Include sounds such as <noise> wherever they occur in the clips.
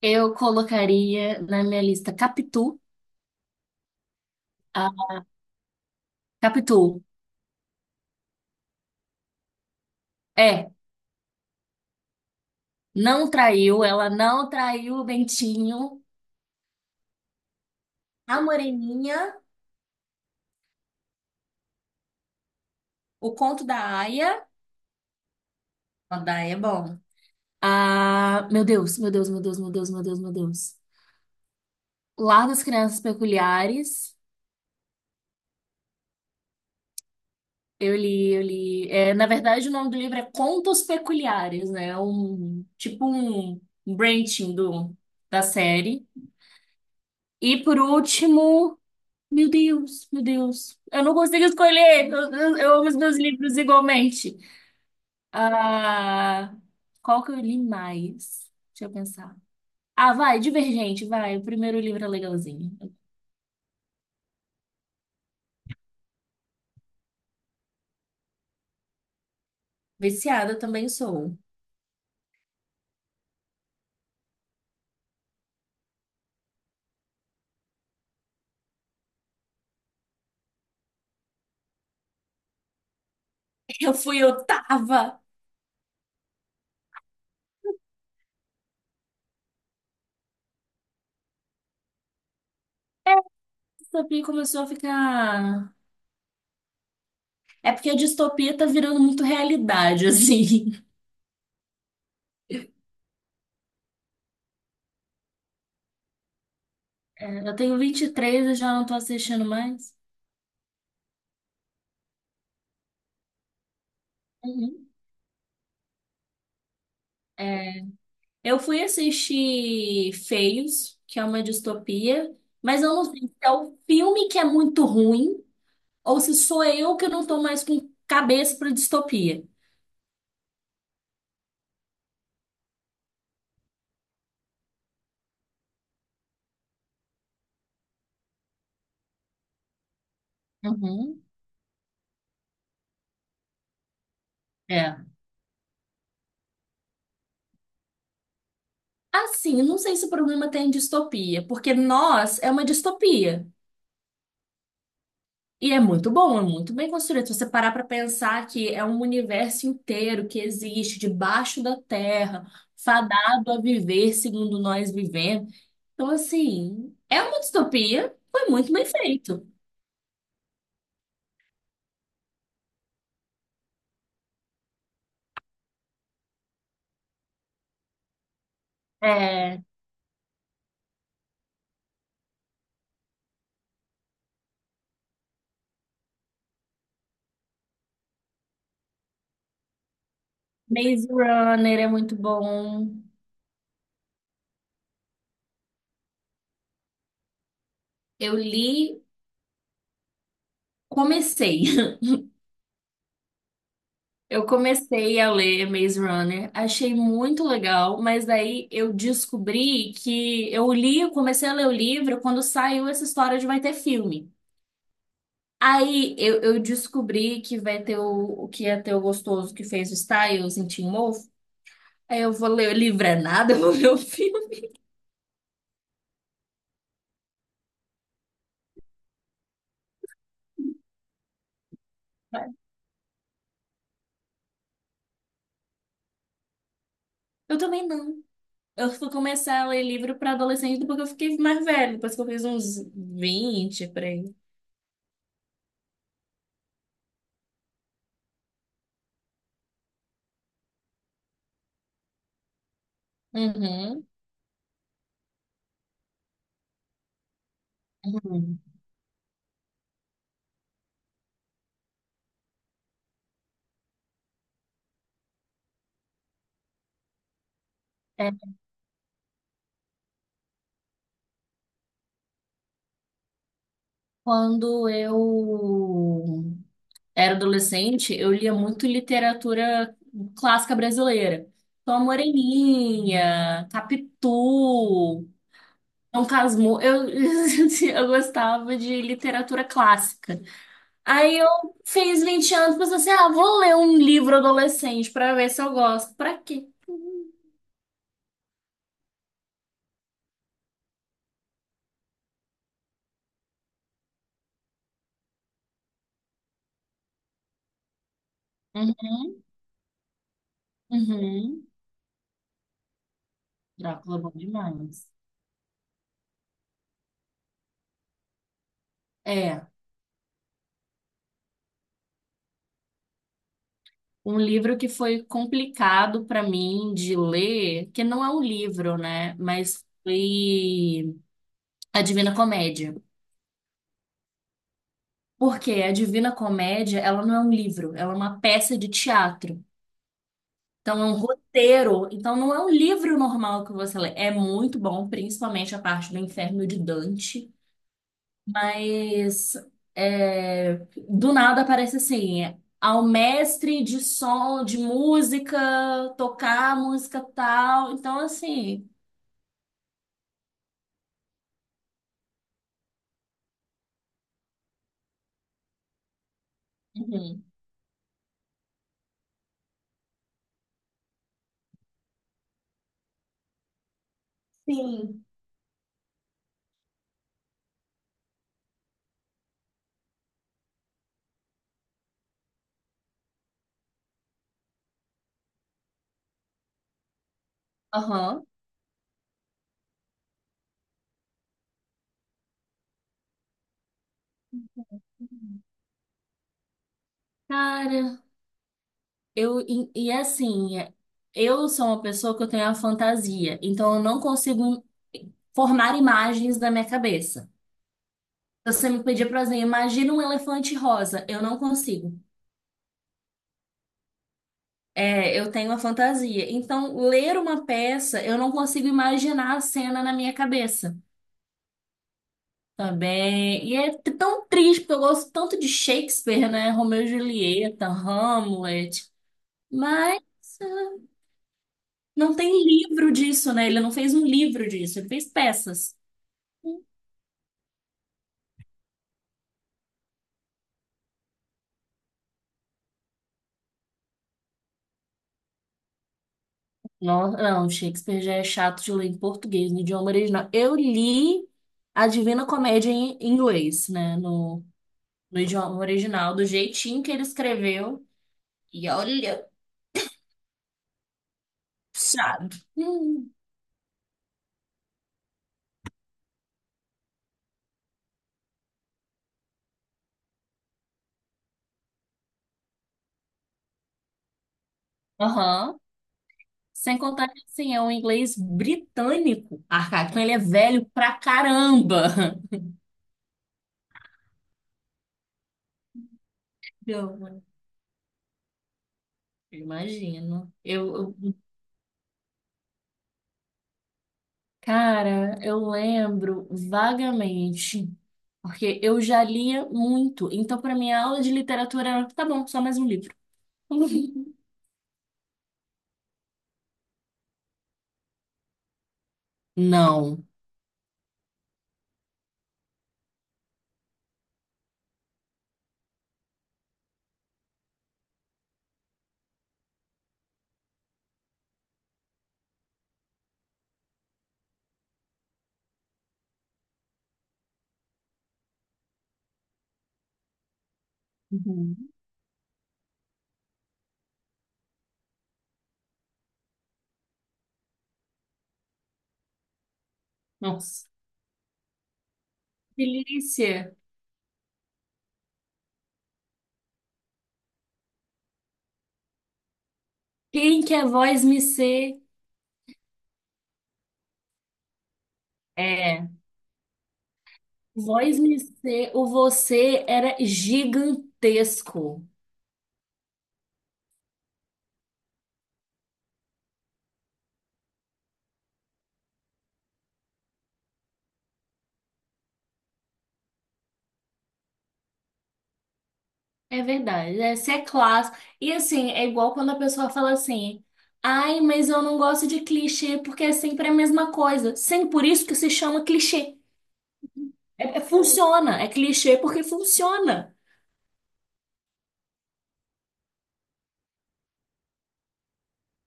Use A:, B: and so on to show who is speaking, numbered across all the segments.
A: Eu colocaria na minha lista Capitu. A Capitu, é, não traiu, ela não traiu o Bentinho, a Moreninha, o conto da Aia. A da Aia é bom. Ah, meu Deus, meu Deus, meu Deus, meu Deus, meu Deus, meu Deus. Lar das Crianças Peculiares. Eu li. É, na verdade, o nome do livro é Contos Peculiares, né? Tipo um branching da série. E por último. Meu Deus, meu Deus. Eu não consigo escolher. Eu amo os meus livros igualmente. Ah, qual que eu li mais? Deixa eu pensar. Ah, vai, Divergente, vai. O primeiro livro é legalzinho. Viciada também sou. Eu fui oitava. Distopia começou a ficar. É porque a distopia tá virando muito realidade, <laughs> assim. É, eu tenho 23 e três e já não tô assistindo mais. Uhum. Eu fui assistir Feios, que é uma distopia, mas eu não sei se é o filme que é muito ruim ou se sou eu que não tô mais com cabeça para distopia. Uhum. É. Assim, não sei se o problema tem em distopia, porque Nós é uma distopia. E é muito bom, é muito bem construído. Se você parar para pensar que é um universo inteiro que existe debaixo da terra, fadado a viver segundo nós vivemos. Então, assim, é uma distopia, foi muito bem feito. É, Maze Runner é muito bom. Eu li, comecei. <laughs> Eu comecei a ler Maze Runner, achei muito legal, mas daí eu descobri que eu li, eu comecei a ler o livro quando saiu essa história de vai ter filme. Aí eu descobri que vai ter o que ia ter o gostoso que fez o Styles em Teen Wolf. Aí eu vou ler o livro é nada, <laughs> eu vou ver o filme. Eu também não. Eu fui começar a ler livro para adolescente depois que eu fiquei mais velha, depois que eu fiz uns vinte por aí. Uhum. Uhum. É, quando eu era adolescente, eu lia muito literatura clássica brasileira. Então, a Moreninha, Capitu, Dom Casmurro. Eu, <laughs> eu gostava de literatura clássica. Aí eu fiz 20 anos, pensei assim, ah, vou ler um livro adolescente para ver se eu gosto. Pra quê? Uhum. Uhum. Drácula é bom demais. É, um livro que foi complicado para mim de ler, que não é um livro, né? Mas foi A Divina Comédia. Porque a Divina Comédia, ela não é um livro, ela é uma peça de teatro. Então é um roteiro, então não é um livro normal que você lê. É muito bom, principalmente a parte do Inferno de Dante. Mas é, do nada aparece assim, ao mestre de som, de música, tocar música tal. Então, assim, uhum. Sim. Aham. Uhum. Cara, e assim, eu sou uma pessoa que eu tenho a fantasia, então eu não consigo formar imagens da minha cabeça. Se você me pedir, por exemplo, imagina um elefante rosa, eu não consigo. É, eu tenho a fantasia. Então, ler uma peça, eu não consigo imaginar a cena na minha cabeça também. E é t- tão triste, porque eu gosto tanto de Shakespeare, né? Romeu e Julieta, Hamlet. Mas ah, não tem livro disso, né? Ele não fez um livro disso, ele fez peças. Não, não, Shakespeare já é chato de ler em português, no idioma original. Eu li a Divina Comédia em inglês, né? No, no idioma original, do jeitinho que ele escreveu. E olha. Puxado. Hum. Aham. Sem contar que, assim, é um inglês britânico arcaico. Então, ele é velho pra caramba. <laughs> Eu imagino. Cara, eu lembro vagamente, porque eu já lia muito. Então, pra minha aula de literatura era, tá bom, só mais um livro. <laughs> Não. Uhum. Nossa. Delícia. Quem quer voz me ser? É. Voz IC, o você era gigantesco. É verdade, é, você é clássico. E assim, é igual quando a pessoa fala assim: ai, mas eu não gosto de clichê porque é sempre a mesma coisa. Sim, por isso que se chama clichê. Funciona, é clichê porque funciona.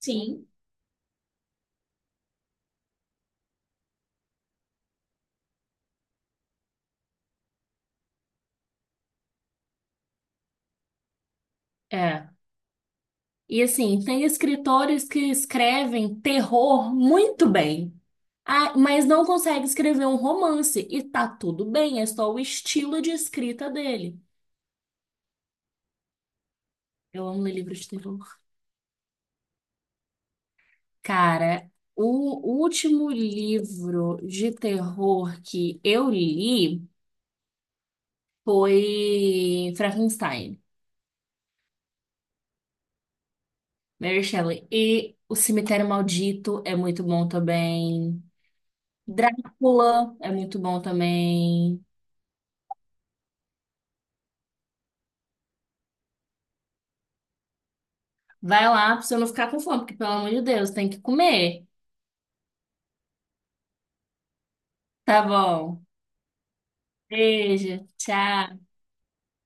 A: Sim. É. E assim, tem escritores que escrevem terror muito bem, ah, mas não consegue escrever um romance. E tá tudo bem, é só o estilo de escrita dele. Eu amo ler livros de terror. Cara, o último livro de terror que eu li foi Frankenstein, Mary Shelley. E O Cemitério Maldito é muito bom também. Drácula é muito bom também. Vai lá pra você não ficar com fome, porque pelo amor de Deus, tem que comer. Tá bom. Beijo, tchau.